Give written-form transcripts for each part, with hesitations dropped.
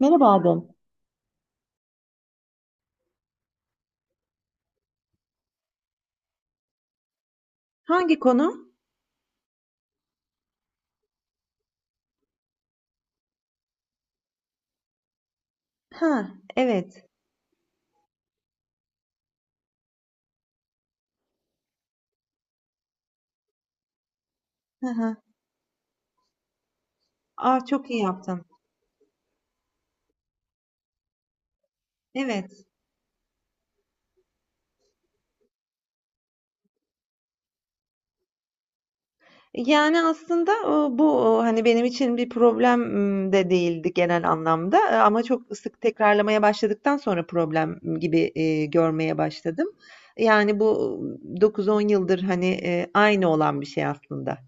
Merhaba Adem. Hangi konu? Ha, evet. Hı hı. Aa, çok iyi yaptın. Evet. Yani aslında bu hani benim için bir problem de değildi genel anlamda. Ama çok sık tekrarlamaya başladıktan sonra problem gibi görmeye başladım. Yani bu 9-10 yıldır hani aynı olan bir şey aslında.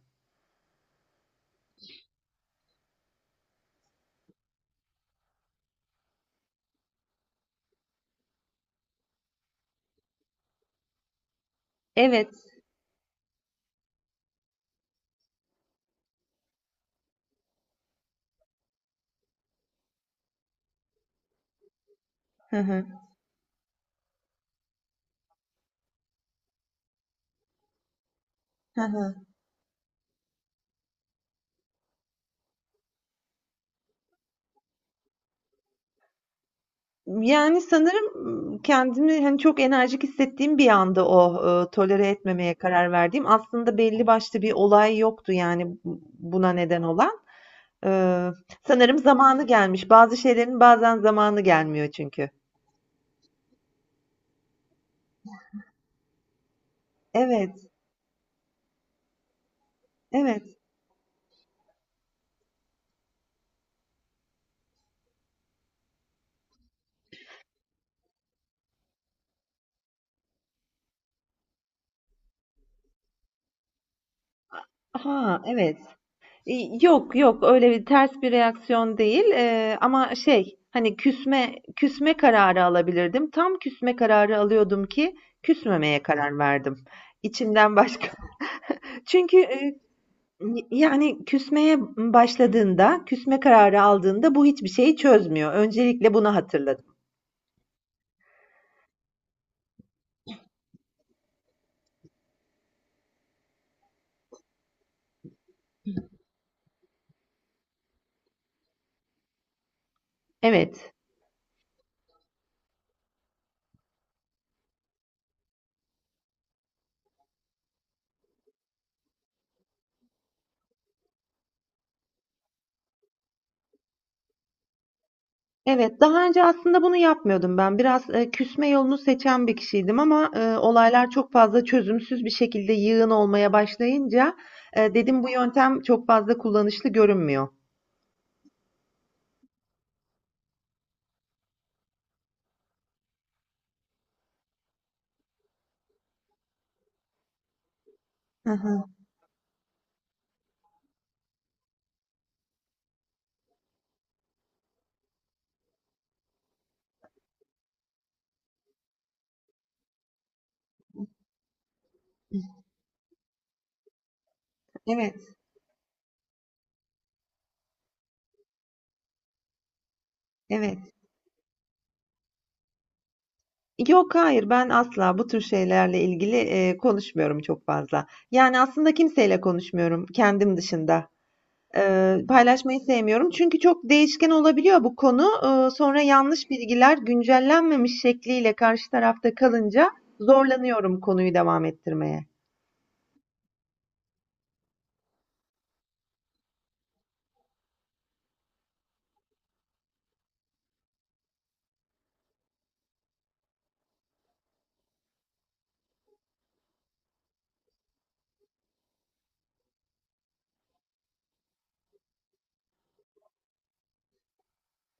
Evet. Hı hı. Hı hı. Yani sanırım, kendimi, hani, çok enerjik hissettiğim bir anda o, tolere etmemeye karar verdiğim, aslında belli başlı bir olay yoktu, yani, bu buna neden olan. Iıı, sanırım zamanı gelmiş. Bazı şeylerin bazen zamanı gelmiyor çünkü. Evet, evet. Ha, evet. Yok, yok, öyle bir ters bir reaksiyon değil, ama şey, hani, küsme kararı alabilirdim. Tam küsme kararı alıyordum ki küsmemeye karar verdim. İçimden başka. Çünkü, yani küsmeye başladığında, küsme kararı aldığında bu hiçbir şeyi çözmüyor. Öncelikle bunu hatırladım. Evet, evet. Daha önce aslında bunu yapmıyordum ben. Biraz, küsme yolunu seçen bir kişiydim ama, olaylar çok fazla çözümsüz bir şekilde yığın olmaya başlayınca, dedim bu yöntem çok fazla kullanışlı görünmüyor. Hı hı. Evet, evet. Yok, hayır. Ben asla bu tür şeylerle ilgili, konuşmuyorum çok fazla. Yani aslında kimseyle konuşmuyorum kendim dışında. Paylaşmayı sevmiyorum. Çünkü çok değişken olabiliyor bu konu. Sonra yanlış bilgiler güncellenmemiş şekliyle karşı tarafta kalınca zorlanıyorum konuyu devam ettirmeye.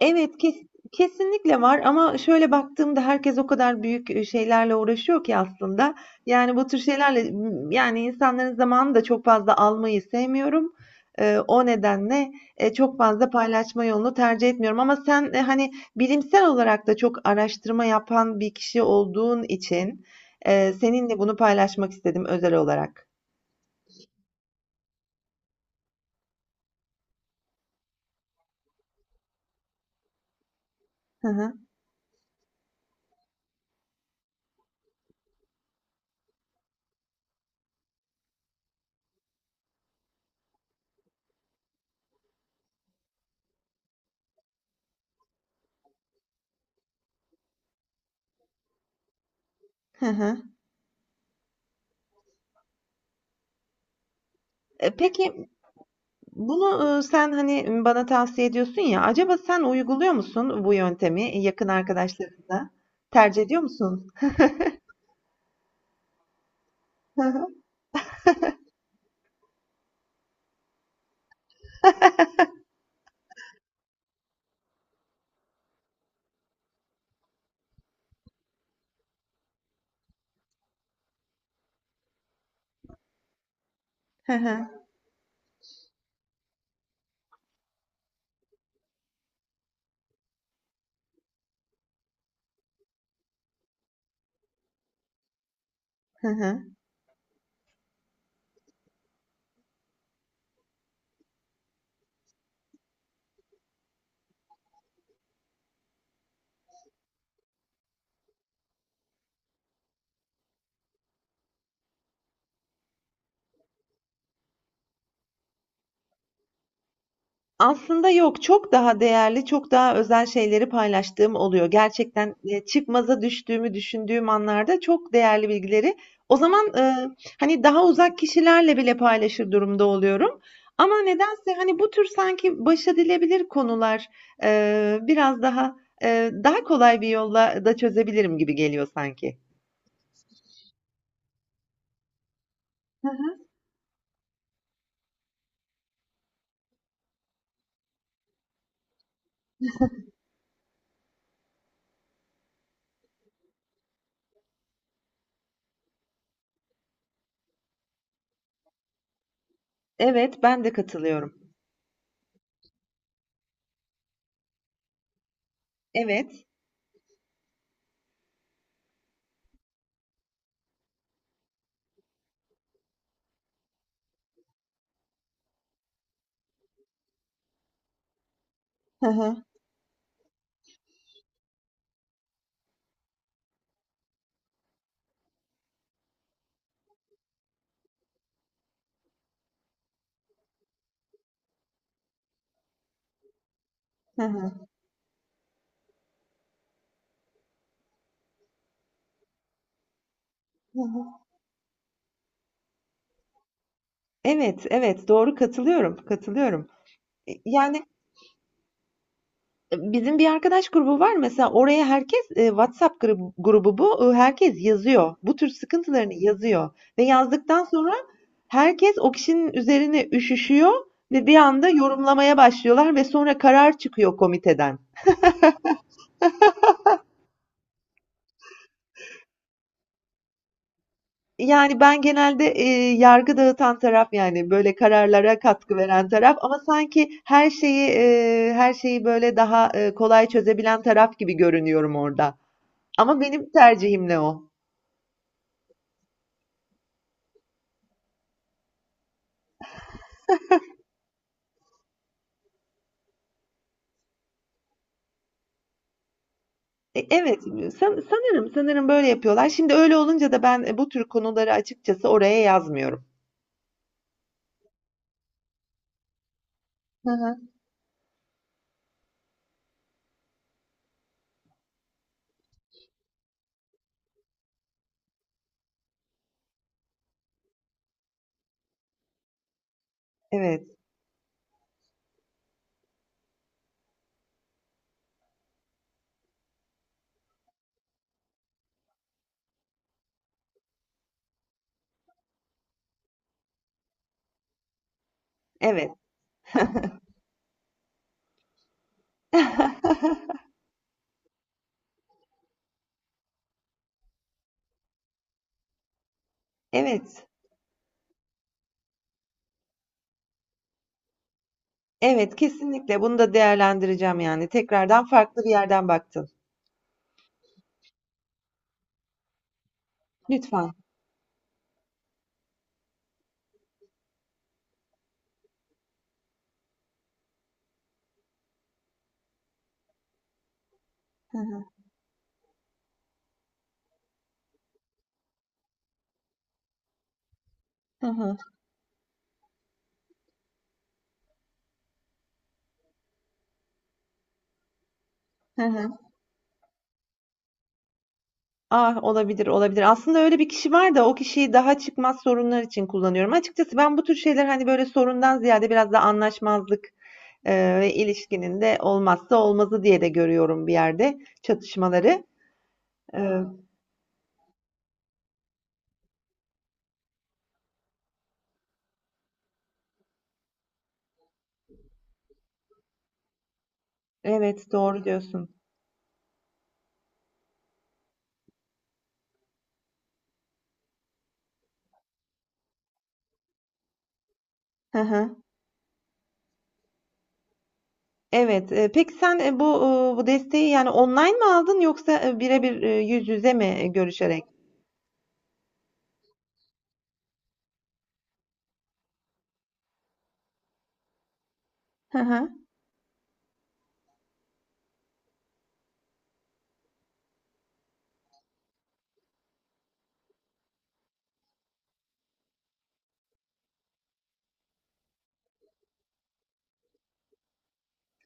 Evet, kesinlikle var ama şöyle baktığımda herkes o kadar büyük, şeylerle uğraşıyor ki aslında. Yani, bu tür şeylerle, yani, insanların zamanını da çok fazla almayı sevmiyorum. O nedenle, çok fazla paylaşma yolunu tercih etmiyorum ama sen, hani, bilimsel olarak da çok araştırma yapan bir kişi olduğun için, seninle bunu paylaşmak istedim özel olarak. Hı hı. Hı hı. Peki, bunu, sen, hani, bana tavsiye ediyorsun ya, acaba sen uyguluyor musun bu yöntemi yakın arkadaşlarınla? Tercih ediyor musun? Aslında yok, çok daha değerli, çok daha özel şeyleri paylaştığım oluyor. Gerçekten, çıkmaza düştüğümü düşündüğüm anlarda çok değerli bilgileri o zaman, hani, daha uzak kişilerle bile paylaşır durumda oluyorum ama nedense, hani, bu tür sanki başedilebilir konular, biraz daha, daha kolay bir yolla da çözebilirim gibi geliyor sanki. Hı hı. Evet, ben de katılıyorum. Evet. Hı hı. Hı hı. Hı hı. Evet, evet, doğru, katılıyorum, katılıyorum. Yani bizim bir arkadaş grubu var, mesela oraya herkes WhatsApp grubu, bu. E, herkes yazıyor. Bu tür sıkıntılarını yazıyor. Ve yazdıktan sonra herkes o kişinin üzerine üşüşüyor ve bir anda yorumlamaya başlıyorlar ve sonra karar çıkıyor komiteden. Yani ben genelde yargı dağıtan taraf, yani böyle kararlara katkı veren taraf, ama sanki her şeyi böyle daha kolay çözebilen taraf gibi görünüyorum orada. Ama benim tercihim ne o. E, evet, sanırım, sanırım böyle yapıyorlar. Şimdi öyle olunca da ben, bu tür konuları açıkçası oraya yazmıyorum. Hı hı. Evet, evet. Evet, evet, kesinlikle bunu da değerlendireceğim yani. Tekrardan farklı bir yerden baktın. Lütfen. Hı hı. Hı hı. Hı hı. Ah, olabilir, olabilir. Aslında öyle bir kişi var da o kişiyi daha çıkmaz sorunlar için kullanıyorum. Açıkçası ben bu tür şeyler hani böyle sorundan ziyade biraz da anlaşmazlık. Ve ilişkinin de olmazsa olmazı diye de görüyorum bir yerde çatışmaları. Eee, evet, doğru diyorsun. Hı hı. Evet, peki sen bu bu desteği yani online mi aldın yoksa birebir yüz yüze mi görüşerek? Hı hı.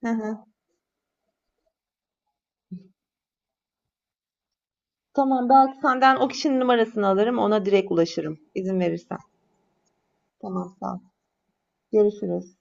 Hı hı. Tamam, belki senden o kişinin numarasını alırım, ona direkt ulaşırım izin verirsen. Tamam, sağ ol. Görüşürüz.